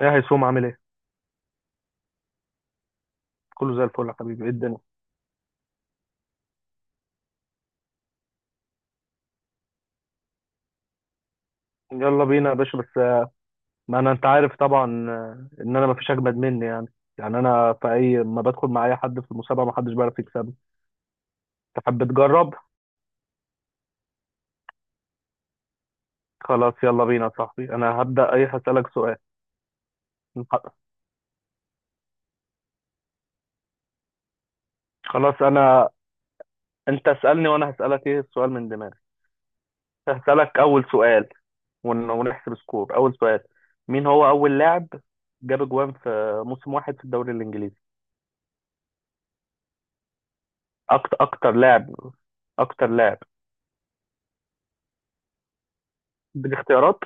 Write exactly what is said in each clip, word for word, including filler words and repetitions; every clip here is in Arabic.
ايه هيسوم عامل ايه؟ كله زي الفل يا حبيبي. ايه الدنيا؟ يلا بينا يا باشا. بس آه، ما انا انت عارف طبعا، آه، ان انا ما فيش اجمد مني يعني. يعني انا في اي ما بدخل مع اي حد في المسابقه ما حدش بيعرف يكسبني. تحب تجرب؟ خلاص يلا بينا يا صاحبي. انا هبدا، ايه، هسالك سؤال. خلاص انا، انت اسالني وانا هسالك. ايه السؤال من دماغي؟ هسالك اول سؤال. ون- ونحسب سكور. اول سؤال، مين هو اول لاعب جاب جوان في موسم واحد في الدوري الانجليزي؟ اكتر اكتر لاعب، اكتر لاعب بالاختيارات.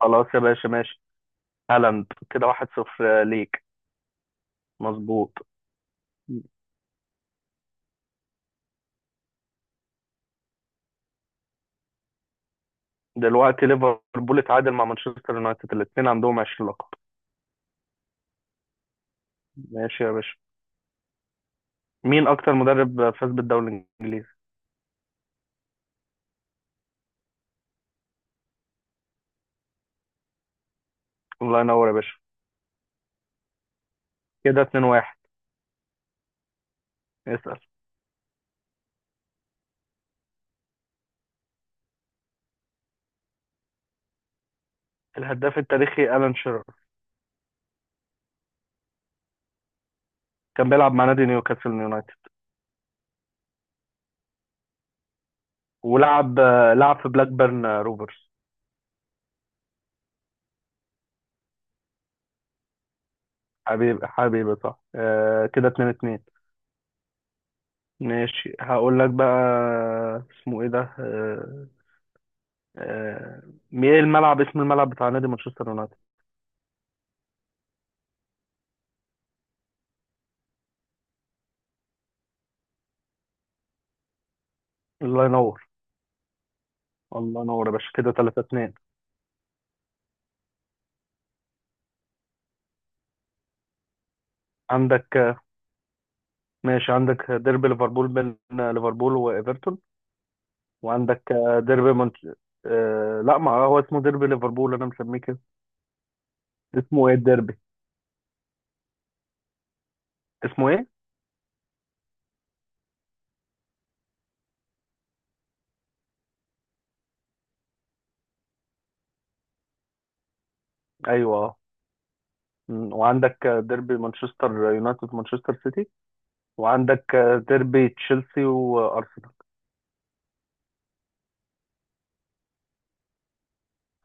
خلاص يا باشا ماشي. هالاند كده واحد صفر ليك. مظبوط. دلوقتي ليفربول اتعادل مع مانشستر يونايتد، الاثنين عندهم عشرين لقب. ماشي يا باشا. مين اكتر مدرب فاز بالدوري الانجليزي؟ الله ينور يا باشا. كده اتنين واحد. اسال. الهداف التاريخي الان شيرر. كان بيلعب مع نادي نيوكاسل يونايتد. ولعب، لعب في بلاك بيرن روفرز. حبيبي حبيبي صح آه، كده اتنين اتنين. ماشي هقول لك بقى. اسمه ايه ده، آه آه، ايه الملعب، اسم الملعب بتاع نادي مانشستر يونايتد؟ الله ينور. الله ينور يا باشا، كده ثلاثة اثنين. عندك آه، ماشي، عندك ديربي ليفربول بين آه، ليفربول وايفرتون. وعندك آه، ديربي منش... آه لا، ما هو اسمه ديربي ليفربول، انا مسميه كده. اسمه ايه الديربي؟ اسمه ايه؟ ايوه آه. مم، وعندك آه، ديربي مانشستر يونايتد مانشستر سيتي، وعندك آه، ديربي تشيلسي وارسنال.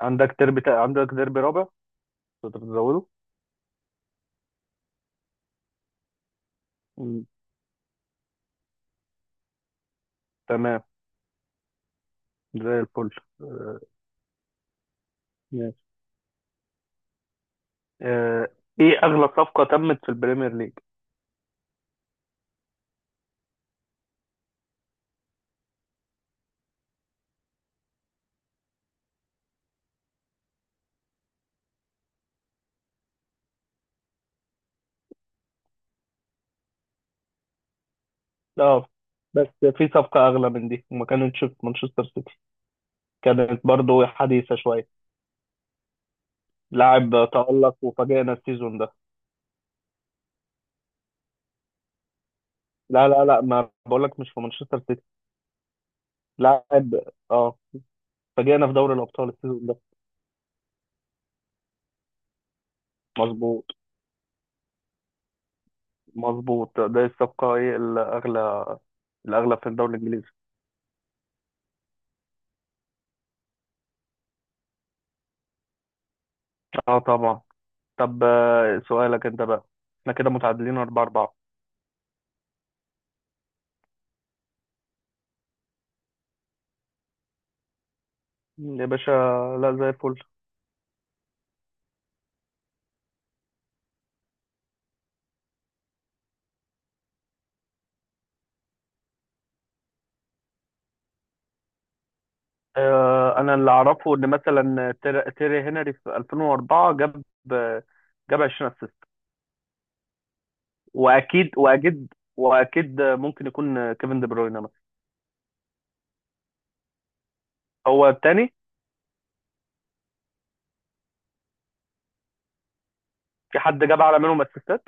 عندك ديربي تا... عندك ديربي رابع، تقدر تزوده؟ مم، تمام. زي الفل. آه، آه، ايه اغلى صفقة تمت في البريمير ليج؟ لا، بس في صفقة اغلى من دي، وما كانتش في مانشستر سيتي. كانت برضو حديثة شوية. لاعب تألق وفاجئنا السيزون ده. لا لا لا، ما بقولك مش في مانشستر سيتي. لاعب، اه، فاجئنا في دوري الابطال السيزون ده. مظبوط، مظبوط. ده الصفقة، ايه الاغلى؟ الاغلى في الدوري الانجليزي. اه طبعا. طب آه، سؤالك انت بقى. احنا كده متعادلين أربعة أربعة. يا باشا لا، زي الفل. آه، انا اللي اعرفه ان مثلا تير- تيري هنري في الفين واربعة جاب جاب عشرين اسيست. واكيد واكيد واكيد ممكن يكون كيفن دي بروين مثلا. هو التاني؟ في حد جاب اعلى منهم اسيستات؟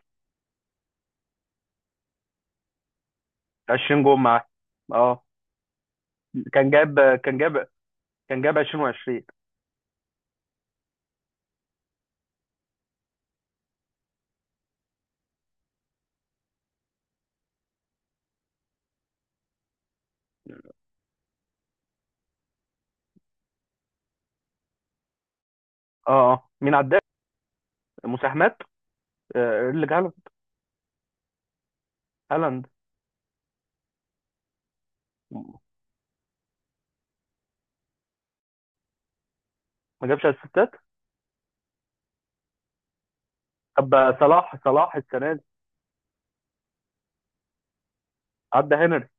عشرين جول معاه، اه، كان جاب كان جاب كان جاب عشرين و20. اه اه، مين عداك مساهمات؟ آه، ايرلينج هالاند. هالاند ما جابش اسيستات. طب صلاح، صلاح السنه دي؟ عدى هنري؟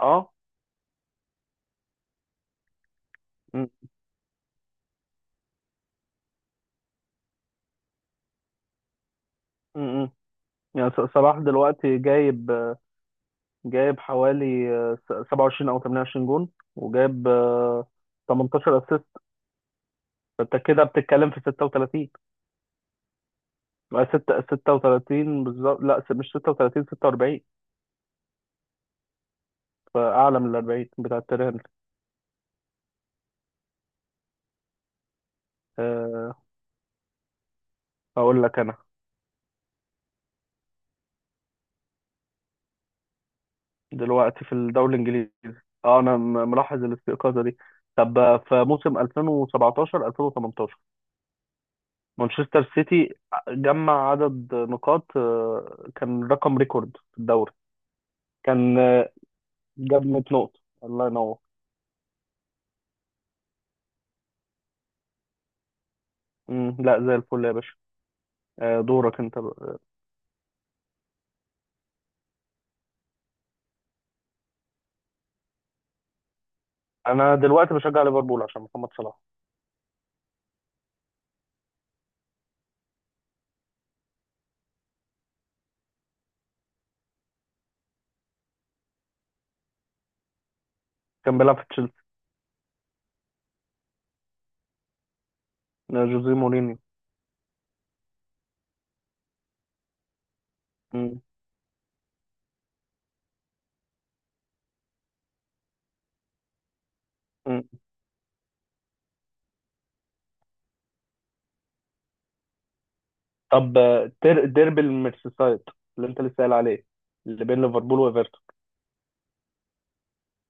اه، م- م- م. يعني ص- صلاح دلوقتي جايب، جايب حوالي آه، سبعة وعشرين او ثمانية وعشرين جون، وجايب آه، تمنتاشر اسيست. فانت كده بتتكلم في ستة وثلاثين؟ آه، ست- ستة وثلاثين بالظبط. لا س- مش ستة وثلاثين، ستة واربعين. فاعلى من ال أربعين بتاع تيري هنري. آه، اقول لك انا دلوقتي في الدوري الانجليزي. اه انا م- ملاحظ الاستيقاظه دي. طب آه، في موسم الفين وسبعتاشر الفين وتمنتاشر مانشستر سيتي آه، جمع عدد نقاط آه، كان رقم ريكورد في الدوري. كان آه، جاب مية نقطة. الله ينور. مم. لا زي الفل يا باشا. آه، دورك انت بقى. انا دلوقتي بشجع ليفربول عشان محمد صلاح. كان بيلعب في تشيلسي. آه، جوزيه مورينيو. مم. مم. طب آه، تر- ديربي الميرسيسايد اللي انت لسه قايل عليه، اللي بين ليفربول وايفرتون،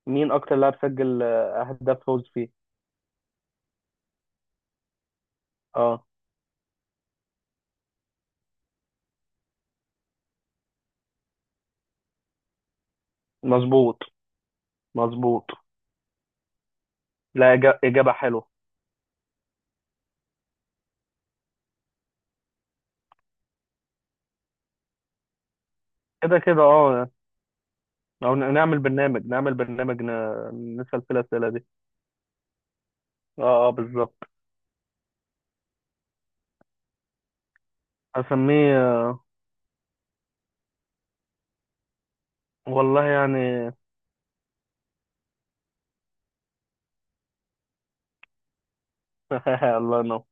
مين اكتر لاعب سجل آه، اهداف فوز فيه؟ اه مظبوط، مظبوط. لا، إجا- اجابة حلوة. كده كده اه. أو ن- نعمل برنامج نعمل برنامج ن- نسأل فيه الأسئلة دي. اه اه بالظبط. هسميه والله يعني. الله ينور.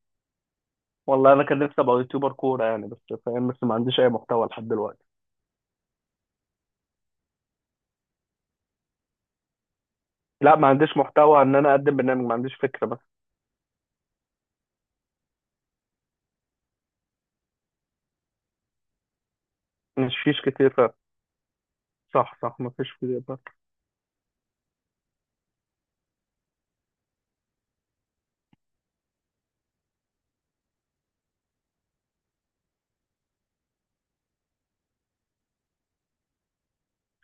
والله انا كان نفسي ابقى يوتيوبر كوره يعني، بس فاهم، بس ما عنديش اي محتوى لحد دلوقتي. لا، ما عنديش محتوى ان انا اقدم برنامج، ما عنديش فكره بس. مش فيش كتير فعلا. صح صح، ما فيش كتير فعلا.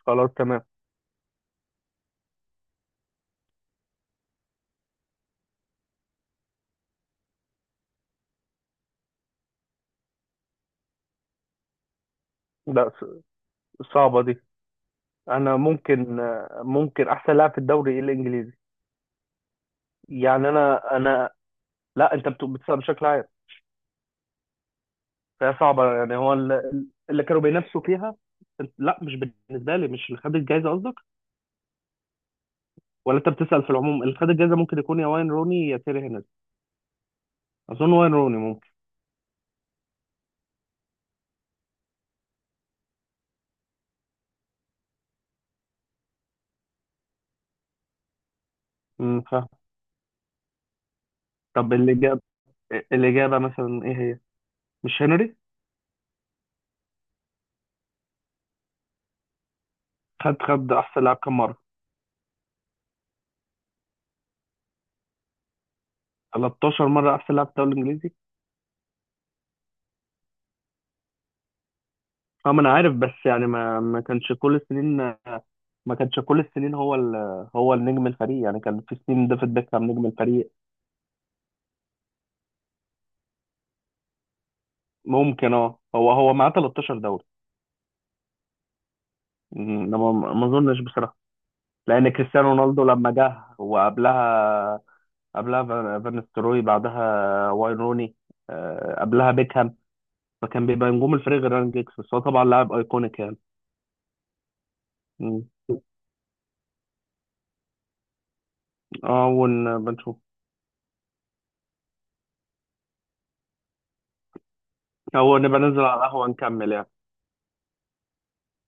خلاص تمام. لا ص- صعبه دي. انا ممكن، ممكن احسن لاعب في الدوري إيه؟ الانجليزي يعني. انا انا، لا انت بت- بتسال بشكل عام، فهي صعبه يعني. هو ال- اللي كانوا بينافسوا فيها. لا مش بالنسبه لي، مش اللي خد الجائزه قصدك. ولا انت بتسال في العموم؟ اللي خد الجائزه ممكن يكون يا واين روني يا تيري هنري. اظن واين روني. امم فاهم. طب الإجابة، الإجابة مثلا إيه هي؟ مش هنري؟ خد، خد أحسن لاعب كام مرة؟ تلتاشر مرة أحسن لاعب في الدوري الإنجليزي؟ أه ما أنا عارف، بس يعني ما ما كانش كل السنين. ما كانش كل السنين. هو ال... هو النجم الفريق يعني. كان في سنين ديفيد بيكهام نجم الفريق. ممكن أه، هو هو معاه تلتاشر دوري. أمم، أنا ما ما أظنش بصراحة. لأن كريستيانو رونالدو لما جه، وقبلها، قبلها فان فان ستروي، بعدها واين روني، آه، قبلها بيكهام. فكان بيبقى نجوم الفريق غير ران جيكس، بس هو طبعا لاعب ايكونيك يعني. مم. اه، ونبقى نشوف، او نبقى ننزل على القهوة نكمل يعني.